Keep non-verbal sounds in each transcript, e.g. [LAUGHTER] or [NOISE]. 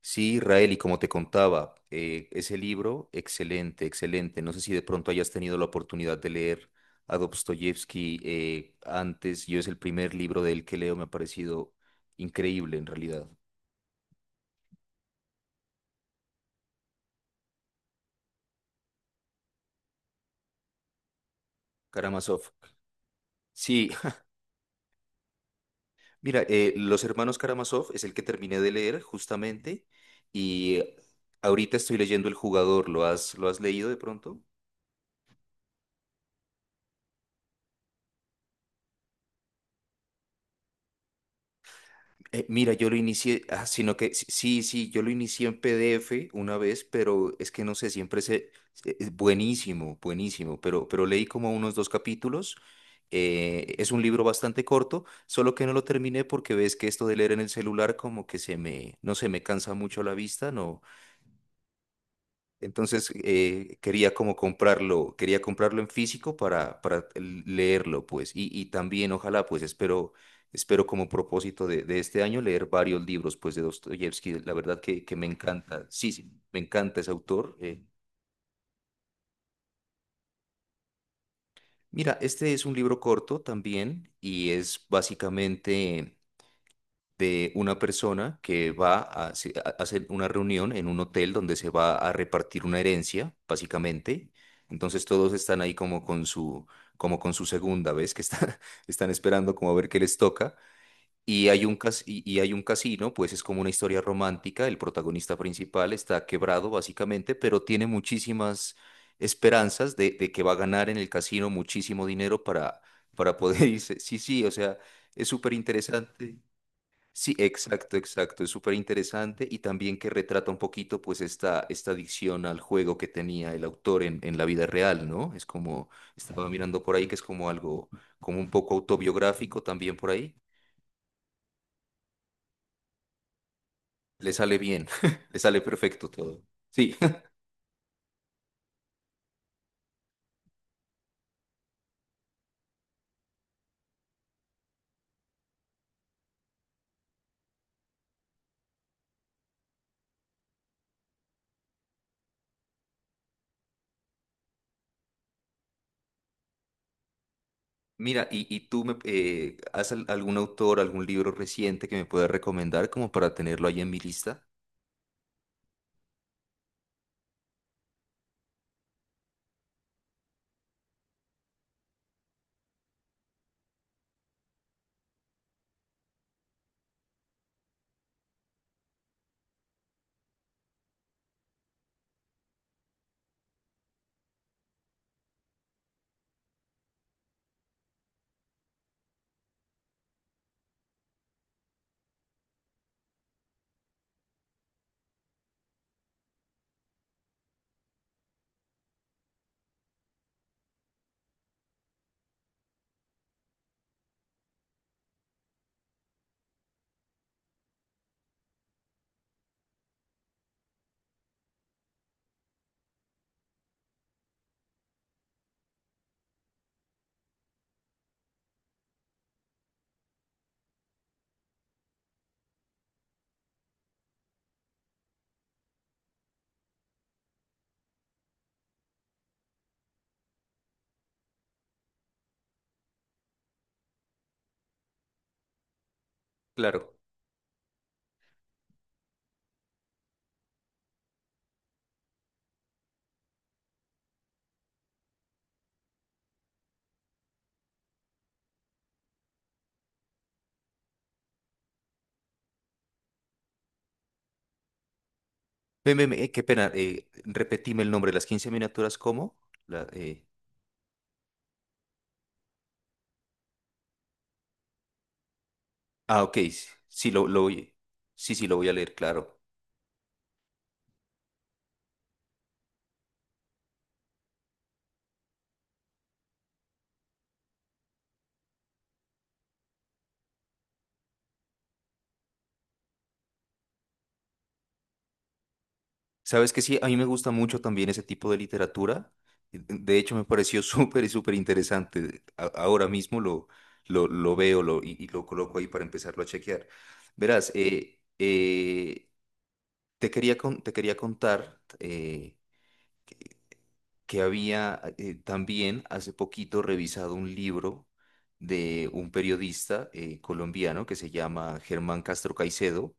Sí, Israel, y como te contaba, ese libro, excelente, excelente. No sé si de pronto hayas tenido la oportunidad de leer a Dostoyevsky antes. Yo es el primer libro de él que leo, me ha parecido increíble en realidad. Karamazov. Sí, [LAUGHS] mira, Los Hermanos Karamazov es el que terminé de leer justamente y ahorita estoy leyendo El Jugador. ¿Lo has leído de pronto? Mira, yo lo inicié, ah, sino que sí, sí, yo lo inicié en PDF una vez, pero es que no sé, siempre es buenísimo, buenísimo, pero leí como unos dos capítulos. Es un libro bastante corto, solo que no lo terminé porque ves que esto de leer en el celular como que se me, no se me cansa mucho la vista, no, entonces quería como comprarlo, quería comprarlo en físico para leerlo, pues, y también ojalá, pues, espero, espero como propósito de este año leer varios libros, pues, de Dostoyevsky, la verdad que me encanta, sí, sí, me encanta ese autor. Mira, este es un libro corto también y es básicamente de una persona que va a, a hacer una reunión en un hotel donde se va a repartir una herencia, básicamente. Entonces todos están ahí como con su segunda vez, que están, [LAUGHS] están esperando como a ver qué les toca. Y hay un y hay un casino, pues es como una historia romántica. El protagonista principal está quebrado, básicamente, pero tiene muchísimas esperanzas de que va a ganar en el casino muchísimo dinero para poder [LAUGHS] irse. Sí, sí, o sea, es súper interesante. Sí, exacto, exacto. Es súper interesante y también que retrata un poquito pues esta adicción al juego que tenía el autor en la vida real, ¿no? Es como, estaba mirando por ahí que es como algo, como un poco autobiográfico también por ahí. Le sale bien, [LAUGHS] le sale perfecto todo. Sí. [LAUGHS] Mira, y tú me, ¿has algún autor, algún libro reciente que me puedas recomendar como para tenerlo ahí en mi lista? Claro. Ven, ven, ven, qué pena, repetime el nombre, de las 15 miniaturas, ¿cómo? La, ah, ok. Sí, lo voy. Sí, sí, lo voy a leer, claro. Sabes que sí, a mí me gusta mucho también ese tipo de literatura. De hecho, me pareció [LAUGHS] súper y súper interesante. Ahora mismo lo veo lo, y lo coloco ahí para empezarlo a chequear. Verás, te quería, te quería contar que había también hace poquito revisado un libro de un periodista colombiano que se llama Germán Castro Caicedo,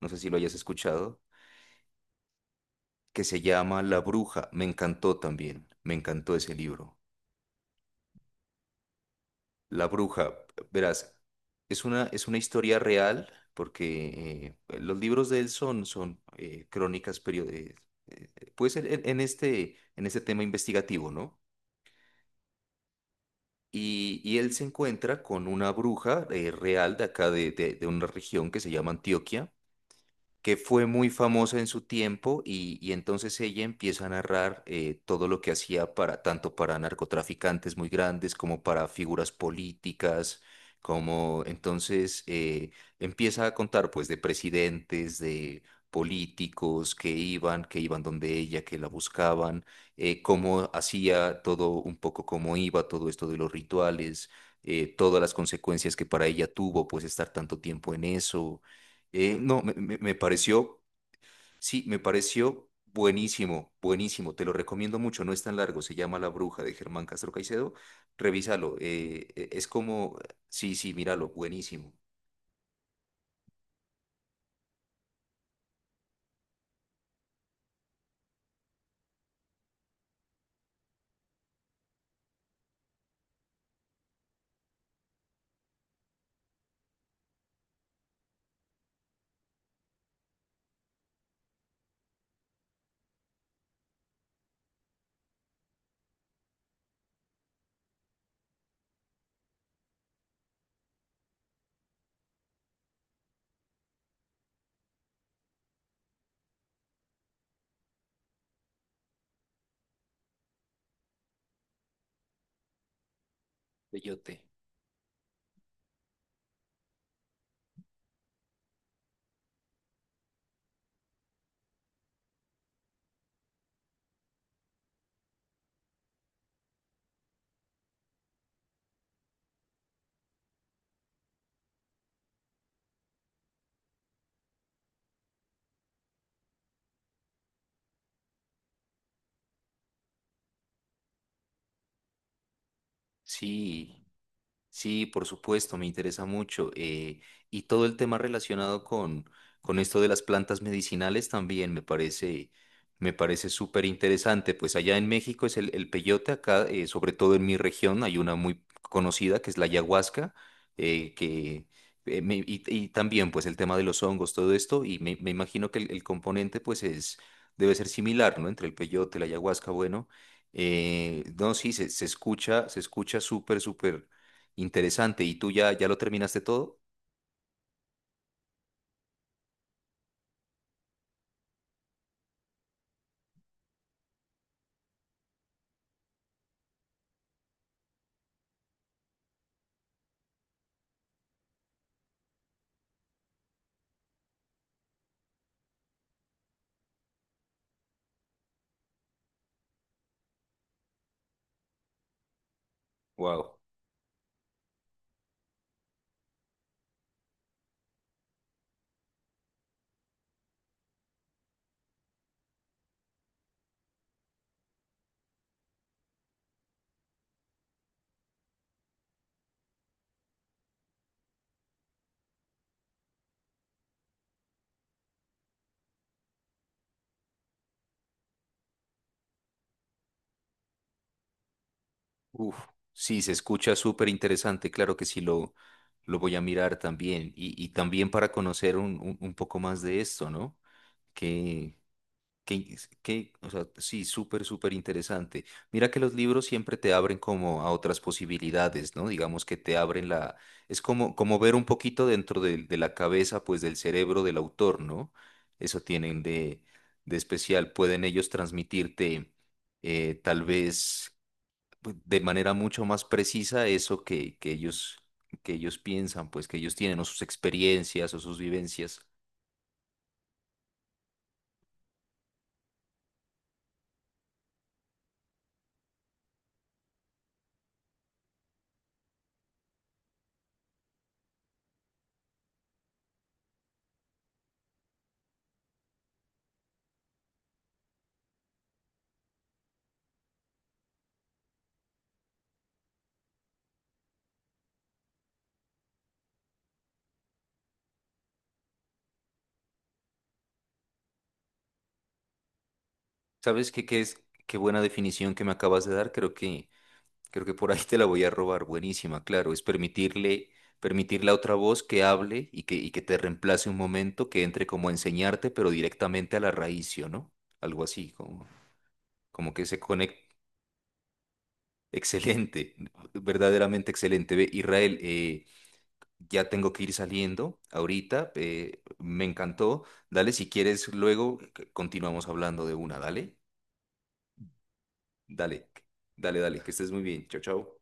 no sé si lo hayas escuchado, que se llama La Bruja. Me encantó también, me encantó ese libro. La Bruja, verás, es una historia real porque pues, los libros de él son, son crónicas periodísticas. Pues en, en este tema investigativo, ¿no? Y él se encuentra con una bruja real de acá de una región que se llama Antioquia que fue muy famosa en su tiempo y entonces ella empieza a narrar todo lo que hacía para tanto para narcotraficantes muy grandes como para figuras políticas, como entonces empieza a contar pues de presidentes, de políticos que iban donde ella, que la buscaban, cómo hacía todo un poco, cómo iba todo esto de los rituales, todas las consecuencias que para ella tuvo pues estar tanto tiempo en eso no, me, me pareció, sí, me pareció buenísimo, buenísimo, te lo recomiendo mucho, no es tan largo, se llama La Bruja de Germán Castro Caicedo, revísalo, es como, sí, sí, míralo, buenísimo. Bellote. Sí, sí, por supuesto, me interesa mucho. Y todo el tema relacionado con esto de las plantas medicinales también me parece súper interesante. Pues allá en México es el peyote, acá, sobre todo en mi región, hay una muy conocida que es la ayahuasca, que, y también pues el tema de los hongos, todo esto, y me imagino que el componente pues es, debe ser similar, ¿no? Entre el peyote, la ayahuasca, bueno. No, sí, se, se escucha súper, súper. Interesante. ¿Y tú ya, ya lo terminaste todo? Wow. Uf. Sí, se escucha súper interesante. Claro que sí, lo voy a mirar también. Y también para conocer un, un poco más de esto, ¿no? Qué, qué, o sea, sí, súper, súper interesante. Mira que los libros siempre te abren como a otras posibilidades, ¿no? Digamos que te abren la... Es como, como ver un poquito dentro de la cabeza, pues del cerebro del autor, ¿no? Eso tienen de especial. Pueden ellos transmitirte tal vez pues, de manera mucho más precisa eso que ellos piensan, pues que ellos tienen o sus experiencias o sus vivencias. ¿Sabes qué, qué es? Qué buena definición que me acabas de dar. Creo que por ahí te la voy a robar. Buenísima, claro. Es permitirle, permitirle a otra voz que hable y que te reemplace un momento, que entre como a enseñarte, pero directamente a la raíz, ¿sí o no? Algo así, como, como que se conecte. [LAUGHS] Excelente, verdaderamente excelente. Ve, Israel, ya tengo que ir saliendo ahorita. Me encantó. Dale, si quieres, luego continuamos hablando de una. Dale, dale, dale, dale, que estés muy bien. Chao, chao.